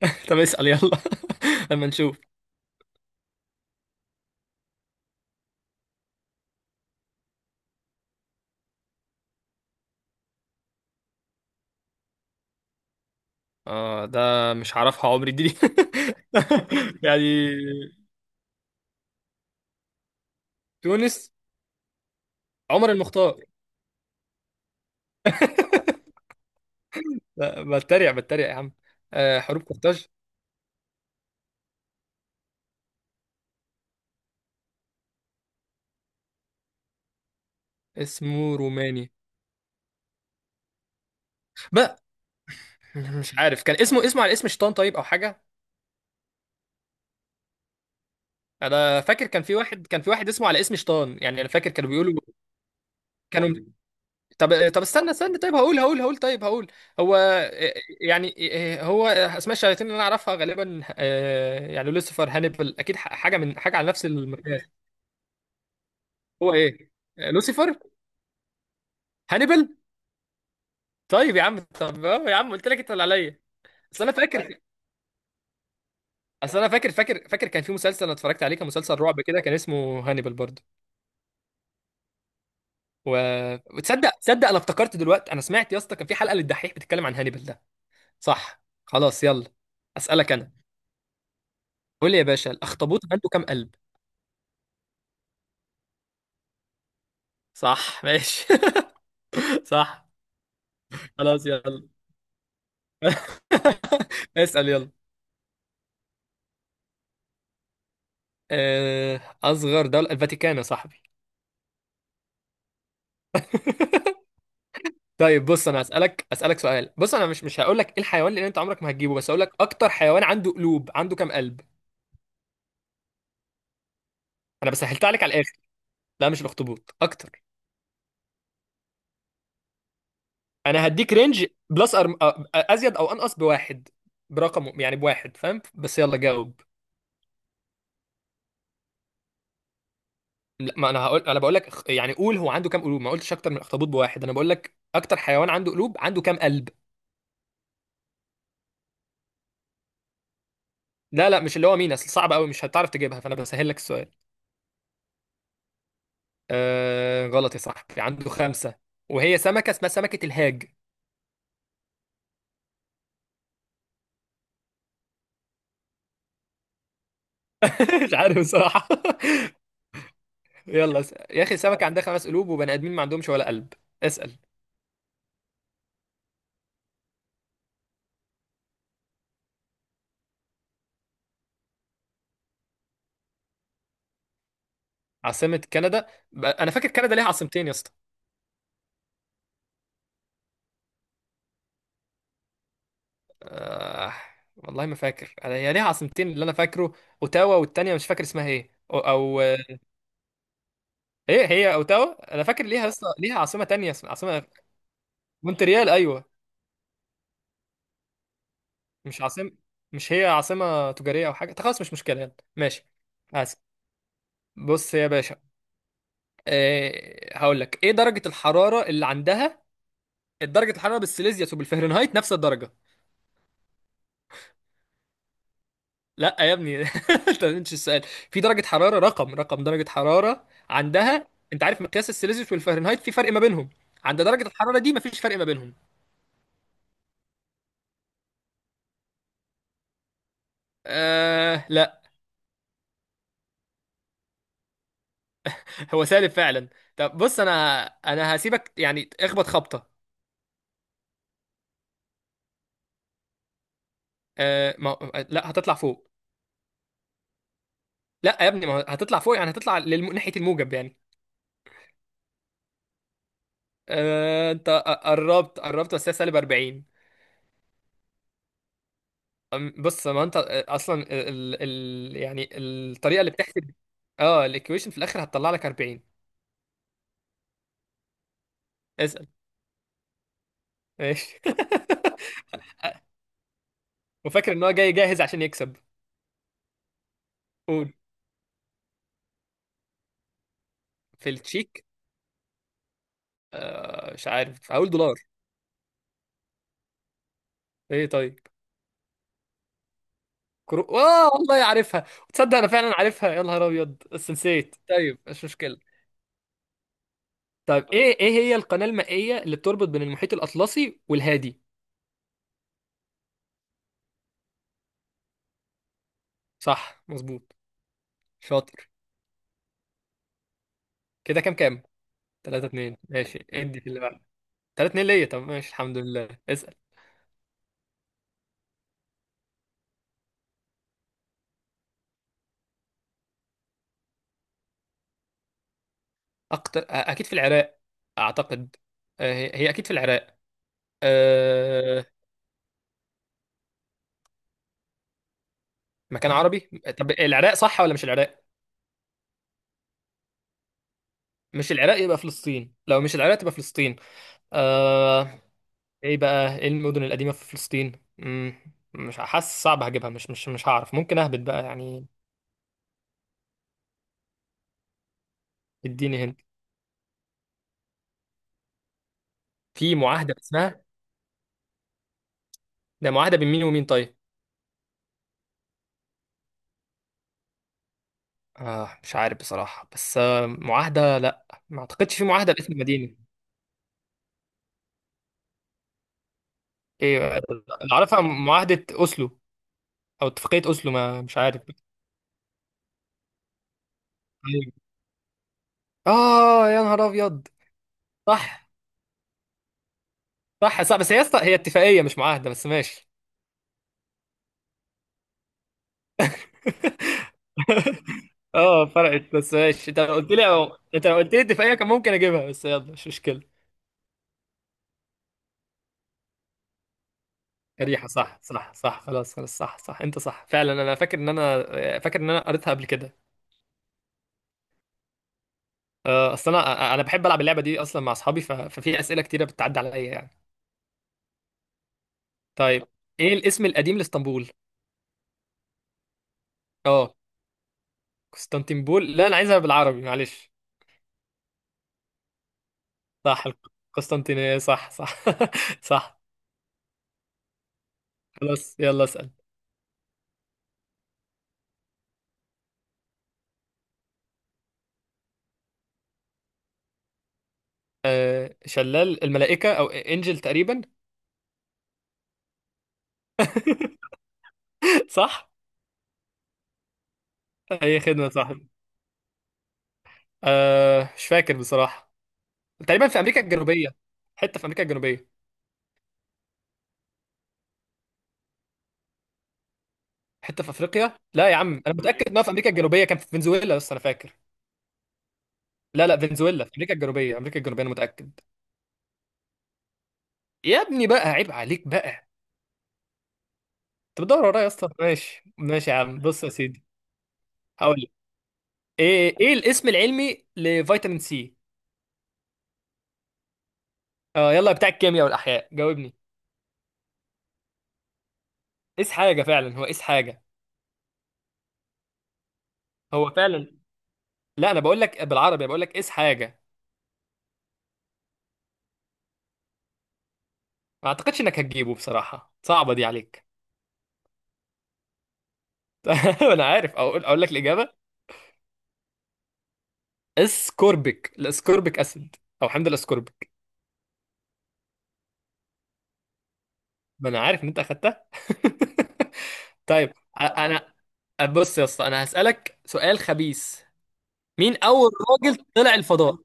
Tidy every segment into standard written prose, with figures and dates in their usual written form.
طب اسأل يلا. اما نشوف. اه، ده مش هعرفها عمري دي. دي. يعني تونس. عمر المختار. لا، بتريق بتريق يا عم. آه، حروب قرطاج. اسمه روماني بقى. مش عارف، كان اسمه على اسم شيطان طيب، او حاجه. انا فاكر كان في واحد اسمه على اسم شيطان، يعني انا فاكر كانوا بيقولوا كانوا. طب، طب استنى استنى، طيب هقول هو يعني هو اسماء الشياطين اللي انا اعرفها غالبا، يعني لوسيفر، هانيبال اكيد، حاجه من حاجه على نفس المقياس. هو ايه؟ لوسيفر هانيبال. طيب يا عم، طب يا عم قلت لك انت اللي عليا. اصل انا فاكر اصل انا فاكر كان في مسلسل انا اتفرجت عليه، كان مسلسل رعب كده، كان اسمه هانيبال برضه. و... وتصدق انا افتكرت دلوقتي، انا سمعت يا اسطى كان في حلقه للدحيح بتتكلم عن هانيبال ده. صح خلاص، يلا اسالك انا. قول لي يا باشا، الاخطبوط عنده كام قلب؟ صح ماشي. صح خلاص يلا. اسأل يلا. أصغر دولة الفاتيكان يا صاحبي. طيب بص، أنا أسألك سؤال. بص، أنا مش هقول لك إيه الحيوان، لأن أنت عمرك ما هتجيبه، بس هقول لك أكتر حيوان عنده قلوب عنده كام قلب. أنا بس سهلت عليك على الآخر. لا مش الأخطبوط، أكتر. أنا هديك رينج بلس أزيد أو أنقص بواحد. برقم يعني بواحد، فاهم؟ بس يلا جاوب. لا، ما انا هقول، انا بقول لك، يعني قول هو عنده كام قلوب. ما قلتش اكتر من اخطبوط بواحد، انا بقول لك اكتر حيوان عنده قلوب عنده كام قلب. لا لا، مش اللي هو مين، اصل صعب قوي مش هتعرف تجيبها، فانا بسهل لك السؤال. آه غلط يا صاحبي، عنده خمسة، وهي سمكة اسمها سمكة الهاج. مش عارف بصراحة. يلا يا اخي، سمكة عندها خمس قلوب، وبني ادمين ما عندهمش ولا قلب. اسأل. عاصمة كندا؟ انا فاكر كندا ليها عاصمتين يا اسطى. آه والله ما فاكر هي ليها عاصمتين اللي انا فاكره، اوتاوا، والتانية مش فاكر اسمها ايه. او ايه، هي اوتاوا، انا فاكر ليها لسه، ليها عاصمه تانية اسمها عاصمه. مونتريال ايوه. مش عاصمه؟ مش هي عاصمه تجاريه او حاجه؟ طب خلاص مش مشكله، يلا ماشي. اسف. بص يا باشا، إيه هقول لك ايه درجه الحراره اللي عندها درجه الحراره بالسيليزيوس وبالفهرنهايت نفس الدرجه؟ لا يا ابني. انت مش السؤال. في درجه حراره رقم، رقم درجه حراره عندها. انت عارف مقياس السيليزيوس والفهرنهايت في فرق ما بينهم؟ عند درجه الحراره دي مفيش فرق ما بينهم. آه لا، هو سالب فعلا. طب بص، انا هسيبك يعني، اخبط خبطه. أه ما... لا هتطلع فوق. لا يا ابني، ما هو هتطلع فوق، يعني هتطلع ناحيه الموجب يعني. أه انت قربت قربت، بس هي سالب 40. بص ما انت، اصلا يعني الطريقه اللي بتحسب. اه الايكويشن، في الاخر هتطلع لك 40. اسال. ماشي. وفاكر ان هو جاي جاهز عشان يكسب. قول. في التشيك؟ مش عارف، هقول دولار. ايه طيب. كرو اه والله عارفها. تصدق انا فعلا عارفها، يا نهار ابيض، بس نسيت، طيب مش مشكله. طيب ايه، ايه هي القناه المائيه اللي بتربط بين المحيط الاطلسي والهادي؟ صح مظبوط، شاطر. كده كام كام؟ 3-2 ماشي، ادي في اللي بعد. 3-2 ليا، طب ماشي الحمد لله، اسال. اكتر اكيد في العراق اعتقد. هي اكيد في العراق. أه... مكان عربي. طب العراق صح ولا مش العراق؟ مش العراق يبقى فلسطين، لو مش العراق تبقى فلسطين. أه... ايه بقى، ايه المدن القديمة في فلسطين؟ مم. مش حاسس، صعب هجيبها، مش هعرف، ممكن اهبط بقى يعني. اديني هنا. في معاهدة اسمها؟ ده معاهدة بين مين ومين طيب؟ آه مش عارف بصراحة، بس آه معاهدة، لا ما اعتقدش في معاهدة باسم مدينة. ايه اللي اعرفها، معاهدة اوسلو او اتفاقية اوسلو، ما مش عارف. أيوة. اه يا نهار ابيض. صح صح صح، بس هي اتفاقية مش معاهدة، بس ماشي. اه فرقت، بس ماشي، انت لو قلت لي انت لو قلت لي دفاعية كان ممكن اجيبها، بس يلا مش مشكلة. ريحة صح صح صح، خلاص خلاص، صح صح، انت صح فعلا، انا فاكر ان انا فاكر ان انا قريتها قبل كده. اصل انا بحب العب اللعبة دي اصلا مع اصحابي، ففي اسئلة كتيرة بتعدي عليا يعني. طيب ايه الاسم القديم لاسطنبول؟ اه قسطنطينبول. لا انا عايزها بالعربي معلش. صح، القسطنطينية صح صح. صح خلاص، يلا اسأل. شلال الملائكة او انجل تقريبا. صح. اي خدمه صح. أه مش فاكر بصراحه، تقريبا في امريكا الجنوبيه، حته في امريكا الجنوبيه. حته في افريقيا؟ لا يا عم، انا متاكد انها في امريكا الجنوبيه، كان في فنزويلا بس انا فاكر. لا لا، فنزويلا في امريكا الجنوبيه، امريكا الجنوبيه انا متاكد. يا ابني بقى، عيب عليك بقى، انت بتدور ورايا يا اسطى، ماشي ماشي يا عم، بص يا سيدي. هقول لك، ايه ايه الاسم العلمي لفيتامين سي؟ اه يلا، بتاع الكيمياء والاحياء جاوبني. قيس حاجه فعلا، هو قيس حاجه. هو فعلا، لا انا بقول لك بالعربي، بقول لك قيس حاجه. ما اعتقدش انك هتجيبه بصراحة، صعبة دي عليك. انا عارف، اقول لك الاجابة. اسكوربيك، الاسكوربيك اسيد، او حمض الاسكوربيك. ما انا عارف ان انت اخدتها. طيب انا بص يا اسطى، انا هسألك سؤال خبيث. مين اول راجل طلع الفضاء؟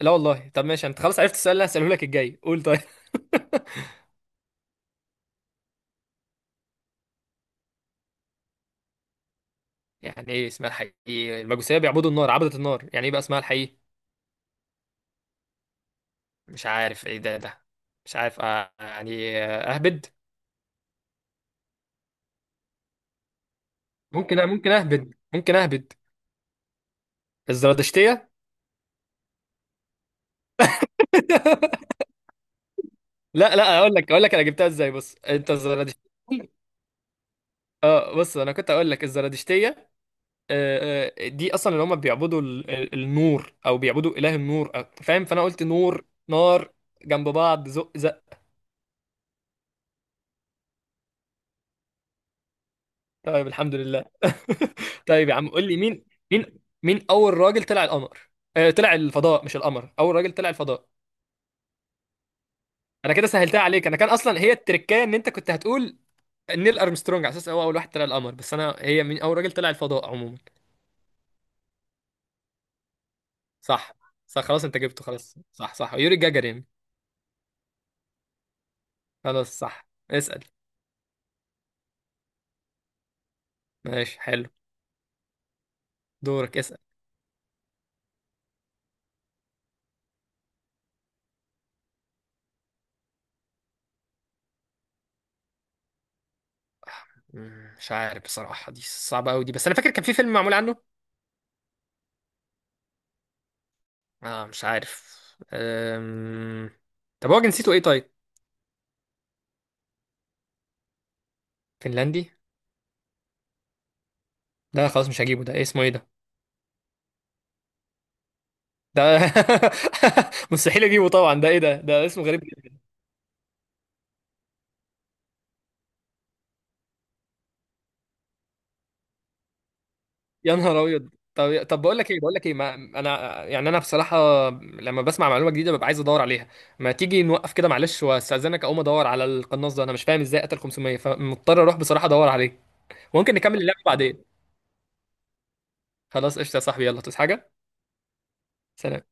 لا والله، طب ماشي، انت خلاص عرفت السؤال اللي هسأله لك الجاي، قول طيب. يعني ايه اسمها الحقيقي؟ المجوسية بيعبدوا النار، عبدة النار، يعني ايه بقى اسمها الحقيقي؟ مش عارف ايه ده ده. مش عارف، يعني اهبد ممكن اهبد ممكن اهبد. الزرادشتيه. لا لا اقول لك، اقول لك انا جبتها ازاي، بص انت الزرادشتيه. اه بص، انا كنت اقول لك الزرادشتيه، دي اصلا اللي هم بيعبدوا النور او بيعبدوا اله النور، فاهم فانا قلت نور نار جنب بعض زق زق. طيب الحمد لله. طيب يا عم قول لي مين، مين اول راجل طلع القمر، طلع الفضاء مش القمر، اول راجل طلع الفضاء. انا كده سهلتها عليك، انا كان اصلا هي التركية، ان انت كنت هتقول نيل ارمسترونج على اساس هو اول واحد طلع القمر، بس انا هي من اول راجل طلع الفضاء عموما. صح صح، خلاص انت جبته، خلاص صح صح، يوري جاجارين. خلاص صح، اسال. ماشي حلو. دورك اسال. مش عارف بصراحه، دي صعبه قوي دي، بس انا فاكر كان في فيلم معمول عنه. اه مش عارف. أم... طب هو جنسيته ايه طيب؟ فنلندي. لا خلاص مش هجيبه ده، إيه اسمه ايه ده ده. مستحيل اجيبه طبعا، ده ايه ده، ده اسمه غريب. يا نهار ابيض. طب بقول لك ايه، ما انا يعني انا بصراحه لما بسمع معلومه جديده ببقى عايز ادور عليها. ما تيجي نوقف كده معلش، واستاذنك اقوم ادور على القناص ده، انا مش فاهم ازاي قتل 500، فمضطر اروح بصراحه ادور عليه. ممكن نكمل اللعبه بعدين. خلاص قشطه يا صاحبي، يلا تصحى حاجه. سلام.